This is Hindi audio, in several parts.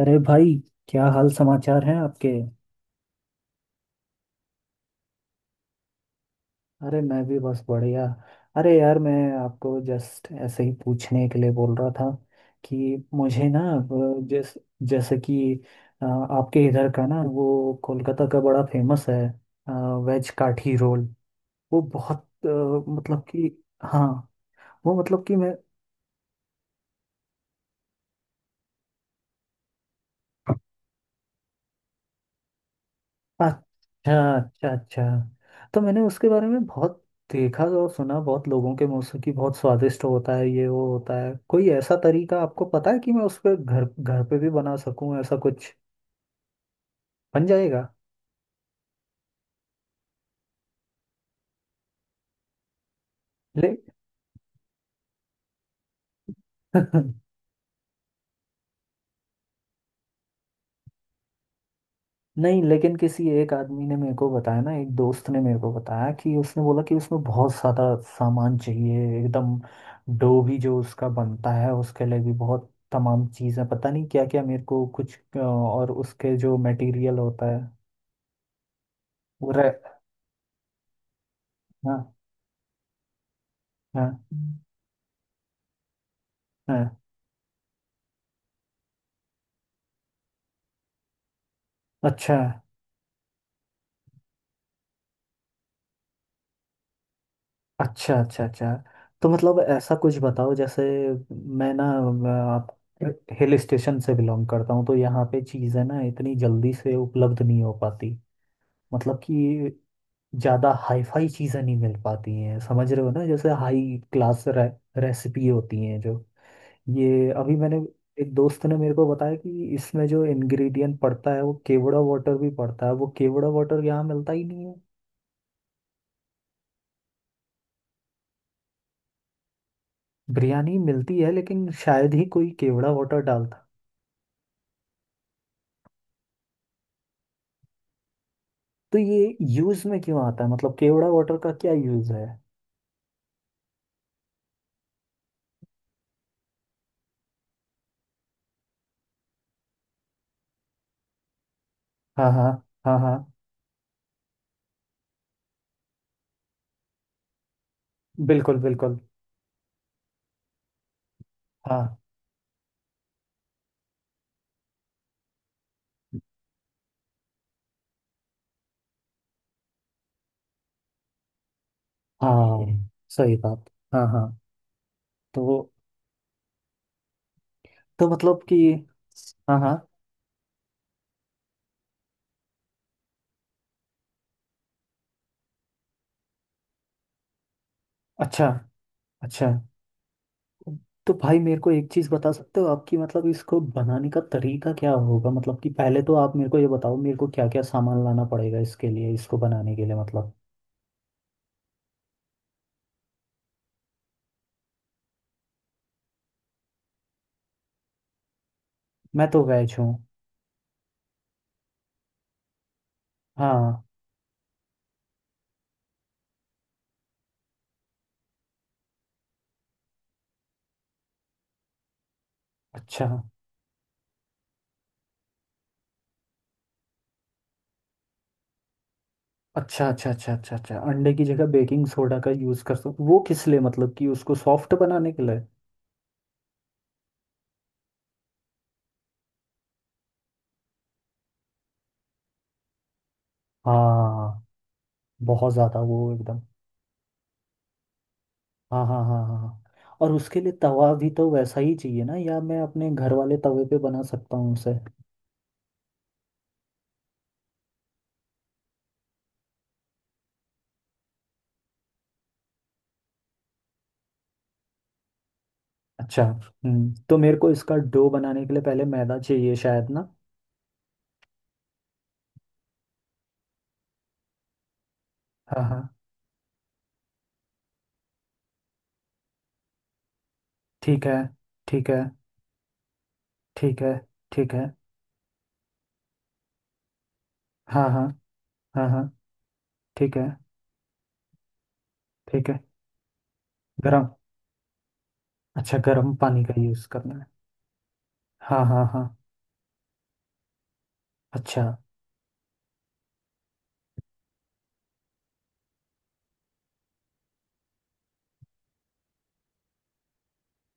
अरे भाई, क्या हाल समाचार हैं आपके? अरे, मैं भी बस बढ़िया। अरे यार, मैं आपको जस्ट ऐसे ही पूछने के लिए बोल रहा था कि मुझे ना, वो जैसे कि आपके इधर का ना वो कोलकाता का बड़ा फेमस है, वेज काठी रोल। वो बहुत मतलब कि। हाँ, वो मतलब कि मैं। अच्छा, अच्छा, अच्छा। तो मैंने उसके बारे में बहुत देखा और सुना, बहुत लोगों के मुंह से कि बहुत स्वादिष्ट होता है ये, वो होता है। कोई ऐसा तरीका आपको पता है कि मैं उस पर घर घर पे भी बना सकूं? ऐसा कुछ बन जाएगा? ले नहीं, लेकिन किसी एक आदमी ने मेरे को बताया ना, एक दोस्त ने मेरे को बताया कि उसने बोला कि उसमें बहुत सारा सामान चाहिए एकदम। डो भी जो उसका बनता है उसके लिए भी बहुत तमाम चीज़ें, पता नहीं क्या क्या, मेरे को कुछ और उसके जो मटेरियल होता है। वो रे हाँ, हाँ, हाँ। अच्छा, अच्छा, अच्छा, अच्छा। तो मतलब ऐसा कुछ बताओ। जैसे मैं ना, मैं आप हिल स्टेशन से बिलोंग करता हूँ, तो यहाँ पे चीज़ें ना इतनी जल्दी से उपलब्ध नहीं हो पाती। मतलब कि ज़्यादा हाईफाई चीज़ें नहीं मिल पाती हैं, समझ रहे हो ना, जैसे हाई क्लास रेसिपी होती हैं जो। ये अभी मैंने एक दोस्त ने मेरे को बताया कि इसमें जो इंग्रेडिएंट पड़ता है वो केवड़ा वाटर भी पड़ता है, वो केवड़ा वाटर यहाँ मिलता ही नहीं है। बिरयानी मिलती है, लेकिन शायद ही कोई केवड़ा वाटर डालता। तो ये यूज़ में क्यों आता है? मतलब केवड़ा वाटर का क्या यूज़ है? हाँ, हाँ, हाँ, हाँ। बिल्कुल बिल्कुल। हाँ, हाँ। सही बात। हाँ, हाँ। तो तो मतलब कि। हाँ, हाँ। अच्छा, अच्छा। तो भाई मेरे को एक चीज़ बता सकते हो आपकी, मतलब इसको बनाने का तरीका क्या होगा? मतलब कि पहले तो आप मेरे को ये बताओ, मेरे को क्या क्या सामान लाना पड़ेगा इसके लिए, इसको बनाने के लिए, मतलब। मैं तो वेज हूँ। हाँ। अच्छा, अच्छा, अच्छा, अच्छा, अच्छा, अच्छा। अंडे की जगह बेकिंग सोडा का यूज़ कर सकते? वो किस लिए, मतलब कि उसको सॉफ्ट बनाने के लिए? हाँ, बहुत ज़्यादा वो एकदम। हाँ, हाँ, हाँ, हाँ, हाँ। और उसके लिए तवा भी तो वैसा ही चाहिए ना, या मैं अपने घर वाले तवे पे बना सकता हूँ उसे? अच्छा। हम्म। तो मेरे को इसका डो बनाने के लिए पहले मैदा चाहिए शायद ना। हाँ, हाँ। ठीक है। ठीक है। ठीक है। ठीक है। हाँ, हाँ, हाँ, हाँ। ठीक है। ठीक है। गरम। अच्छा, गरम पानी का यूज़ करना है? हाँ, हाँ, हाँ। अच्छा।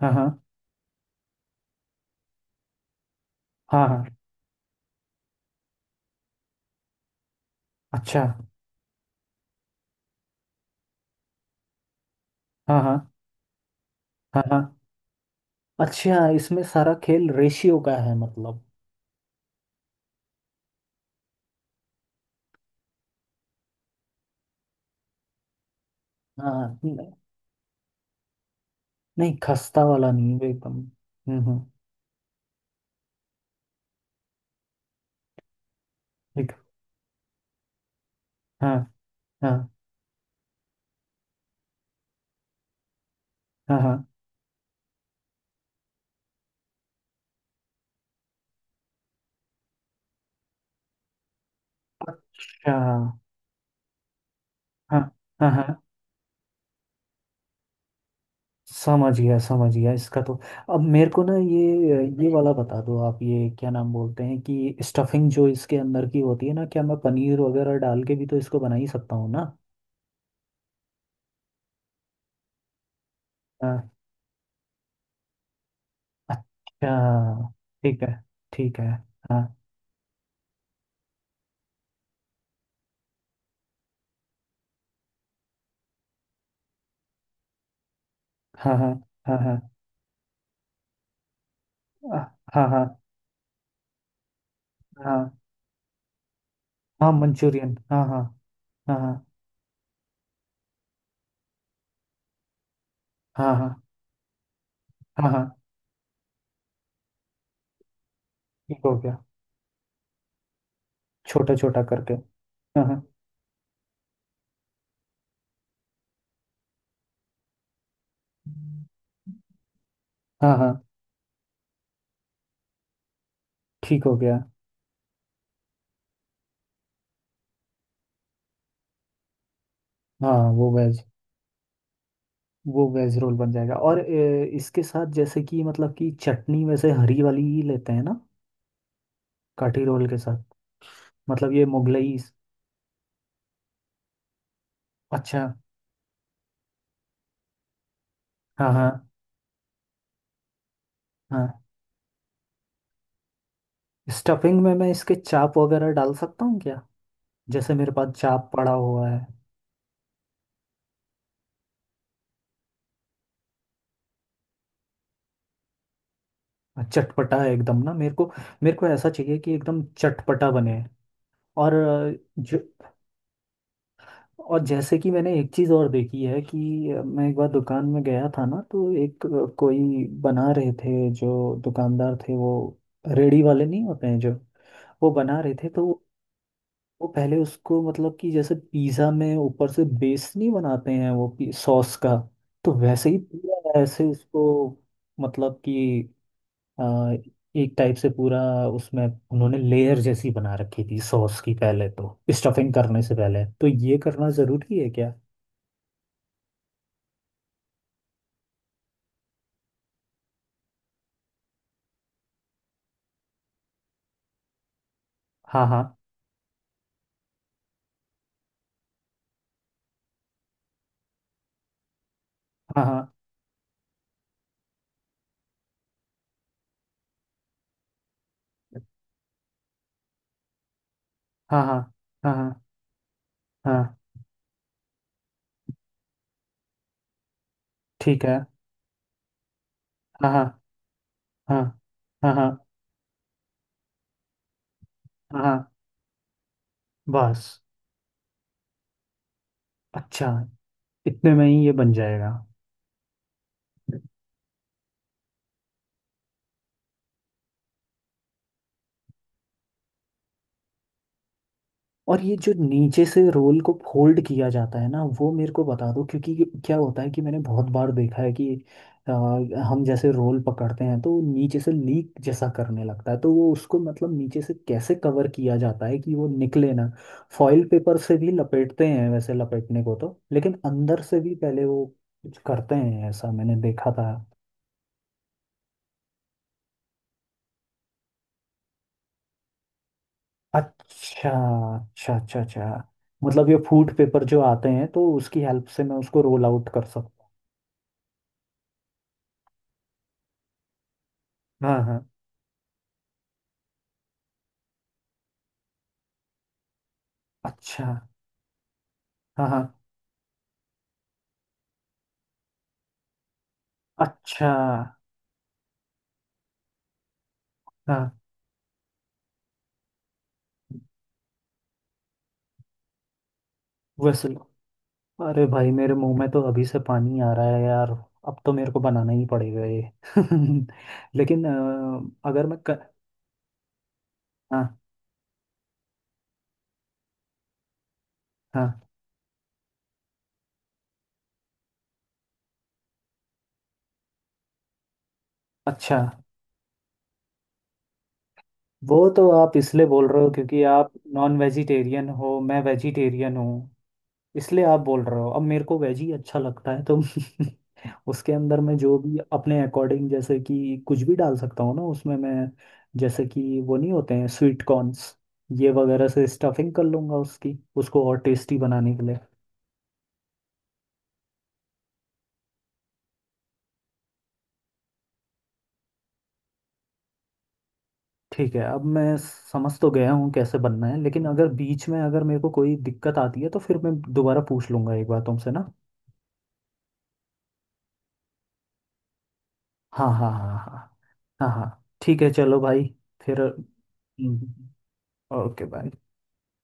हाँ, हाँ, हाँ, हाँ। अच्छा। हाँ, हाँ, हाँ, हाँ। अच्छा, इसमें सारा खेल रेशियो का है मतलब? हाँ। नहीं, खस्ता वाला नहीं, वो एकदम। हम्म, हम्म। एक। हाँ, हाँ, हाँ, हाँ। अच्छा, हाँ। हाँ, हाँ। समझ गया, समझ गया इसका तो। अब मेरे को ना ये वाला बता दो आप, ये क्या नाम बोलते हैं कि स्टफिंग जो इसके अंदर की होती है ना, क्या मैं पनीर वगैरह डाल के भी तो इसको बना ही सकता हूँ ना? हाँ। अच्छा। ठीक है। ठीक है। हाँ, हाँ, हाँ, हाँ, हाँ, हाँ, हाँ, हाँ, हाँ। मंचूरियन, हाँ। हाँ, हाँ, हाँ, हाँ, हाँ, हाँ, हाँ। ठीक हो गया, छोटा छोटा करके। हाँ, हाँ, हाँ, हाँ। ठीक हो गया। हाँ वो वेज। वो वेज रोल बन जाएगा। और इसके साथ जैसे कि मतलब कि चटनी वैसे हरी वाली ही लेते हैं ना, काठी रोल के साथ, मतलब ये मुगलई? अच्छा। हाँ, हाँ, हाँ। स्टफिंग में मैं इसके चाप वगैरह डाल सकता हूँ क्या? जैसे मेरे पास चाप पड़ा हुआ है। चटपटा है एकदम ना, मेरे को, मेरे को ऐसा चाहिए कि एकदम चटपटा बने। और जो। और जैसे कि मैंने एक चीज़ और देखी है कि मैं एक बार दुकान में गया था ना, तो एक कोई बना रहे थे जो दुकानदार थे, वो, रेडी वाले नहीं होते हैं जो, वो बना रहे थे, तो वो पहले उसको मतलब कि जैसे पिज़्ज़ा में ऊपर से बेस नहीं बनाते हैं वो, सॉस का, तो वैसे ही पूरा ऐसे उसको मतलब कि आ, एक टाइप से पूरा उसमें उन्होंने लेयर जैसी बना रखी थी सॉस की, पहले तो, स्टफिंग करने से पहले तो ये करना ज़रूरी है क्या? हाँ, हाँ, हाँ, हाँ, हाँ, हाँ, हाँ, हाँ, हाँ। ठीक है। हाँ, हाँ, हाँ, हाँ, हाँ, हाँ। हाँ, बस। अच्छा। इतने में ही ये बन जाएगा? और ये जो नीचे से रोल को फोल्ड किया जाता है ना, वो मेरे को बता दो, क्योंकि ये क्या होता है कि मैंने बहुत बार देखा है कि आ, हम जैसे रोल पकड़ते हैं तो वो नीचे से लीक जैसा करने लगता है, तो वो उसको मतलब नीचे से कैसे कवर किया जाता है कि वो निकले ना। फॉइल पेपर से भी लपेटते हैं वैसे लपेटने को तो, लेकिन अंदर से भी पहले वो कुछ करते हैं, ऐसा मैंने देखा था। अच्छा, अच्छा, अच्छा, अच्छा। मतलब ये फूड पेपर जो आते हैं तो उसकी हेल्प से मैं उसको रोल आउट कर सकता हूँ? हाँ, हाँ। अच्छा। हाँ, हाँ। अच्छा। हाँ। वैसे। अरे भाई, मेरे मुंह में तो अभी से पानी आ रहा है यार। अब तो मेरे को बनाना ही पड़ेगा ये। लेकिन अगर मैं हाँ, हाँ। अच्छा। वो तो आप इसलिए बोल रहे हो क्योंकि आप नॉन वेजिटेरियन हो, मैं वेजिटेरियन हूँ, इसलिए आप बोल रहे हो। अब मेरे को वेज ही अच्छा लगता है तो उसके अंदर मैं जो भी अपने अकॉर्डिंग जैसे कि कुछ भी डाल सकता हूँ ना उसमें मैं, जैसे कि वो नहीं होते हैं स्वीट कॉर्न्स, ये वगैरह से स्टफिंग कर लूँगा उसकी, उसको और टेस्टी बनाने के लिए। ठीक है, अब मैं समझ तो गया हूँ कैसे बनना है, लेकिन अगर बीच में अगर मेरे को कोई दिक्कत आती है तो फिर मैं दोबारा पूछ लूँगा एक बार तुमसे ना। हाँ, हाँ, हाँ, हाँ, हाँ, हाँ, हाँ, ठीक है, चलो भाई, फिर। हम्म, ओके बाय।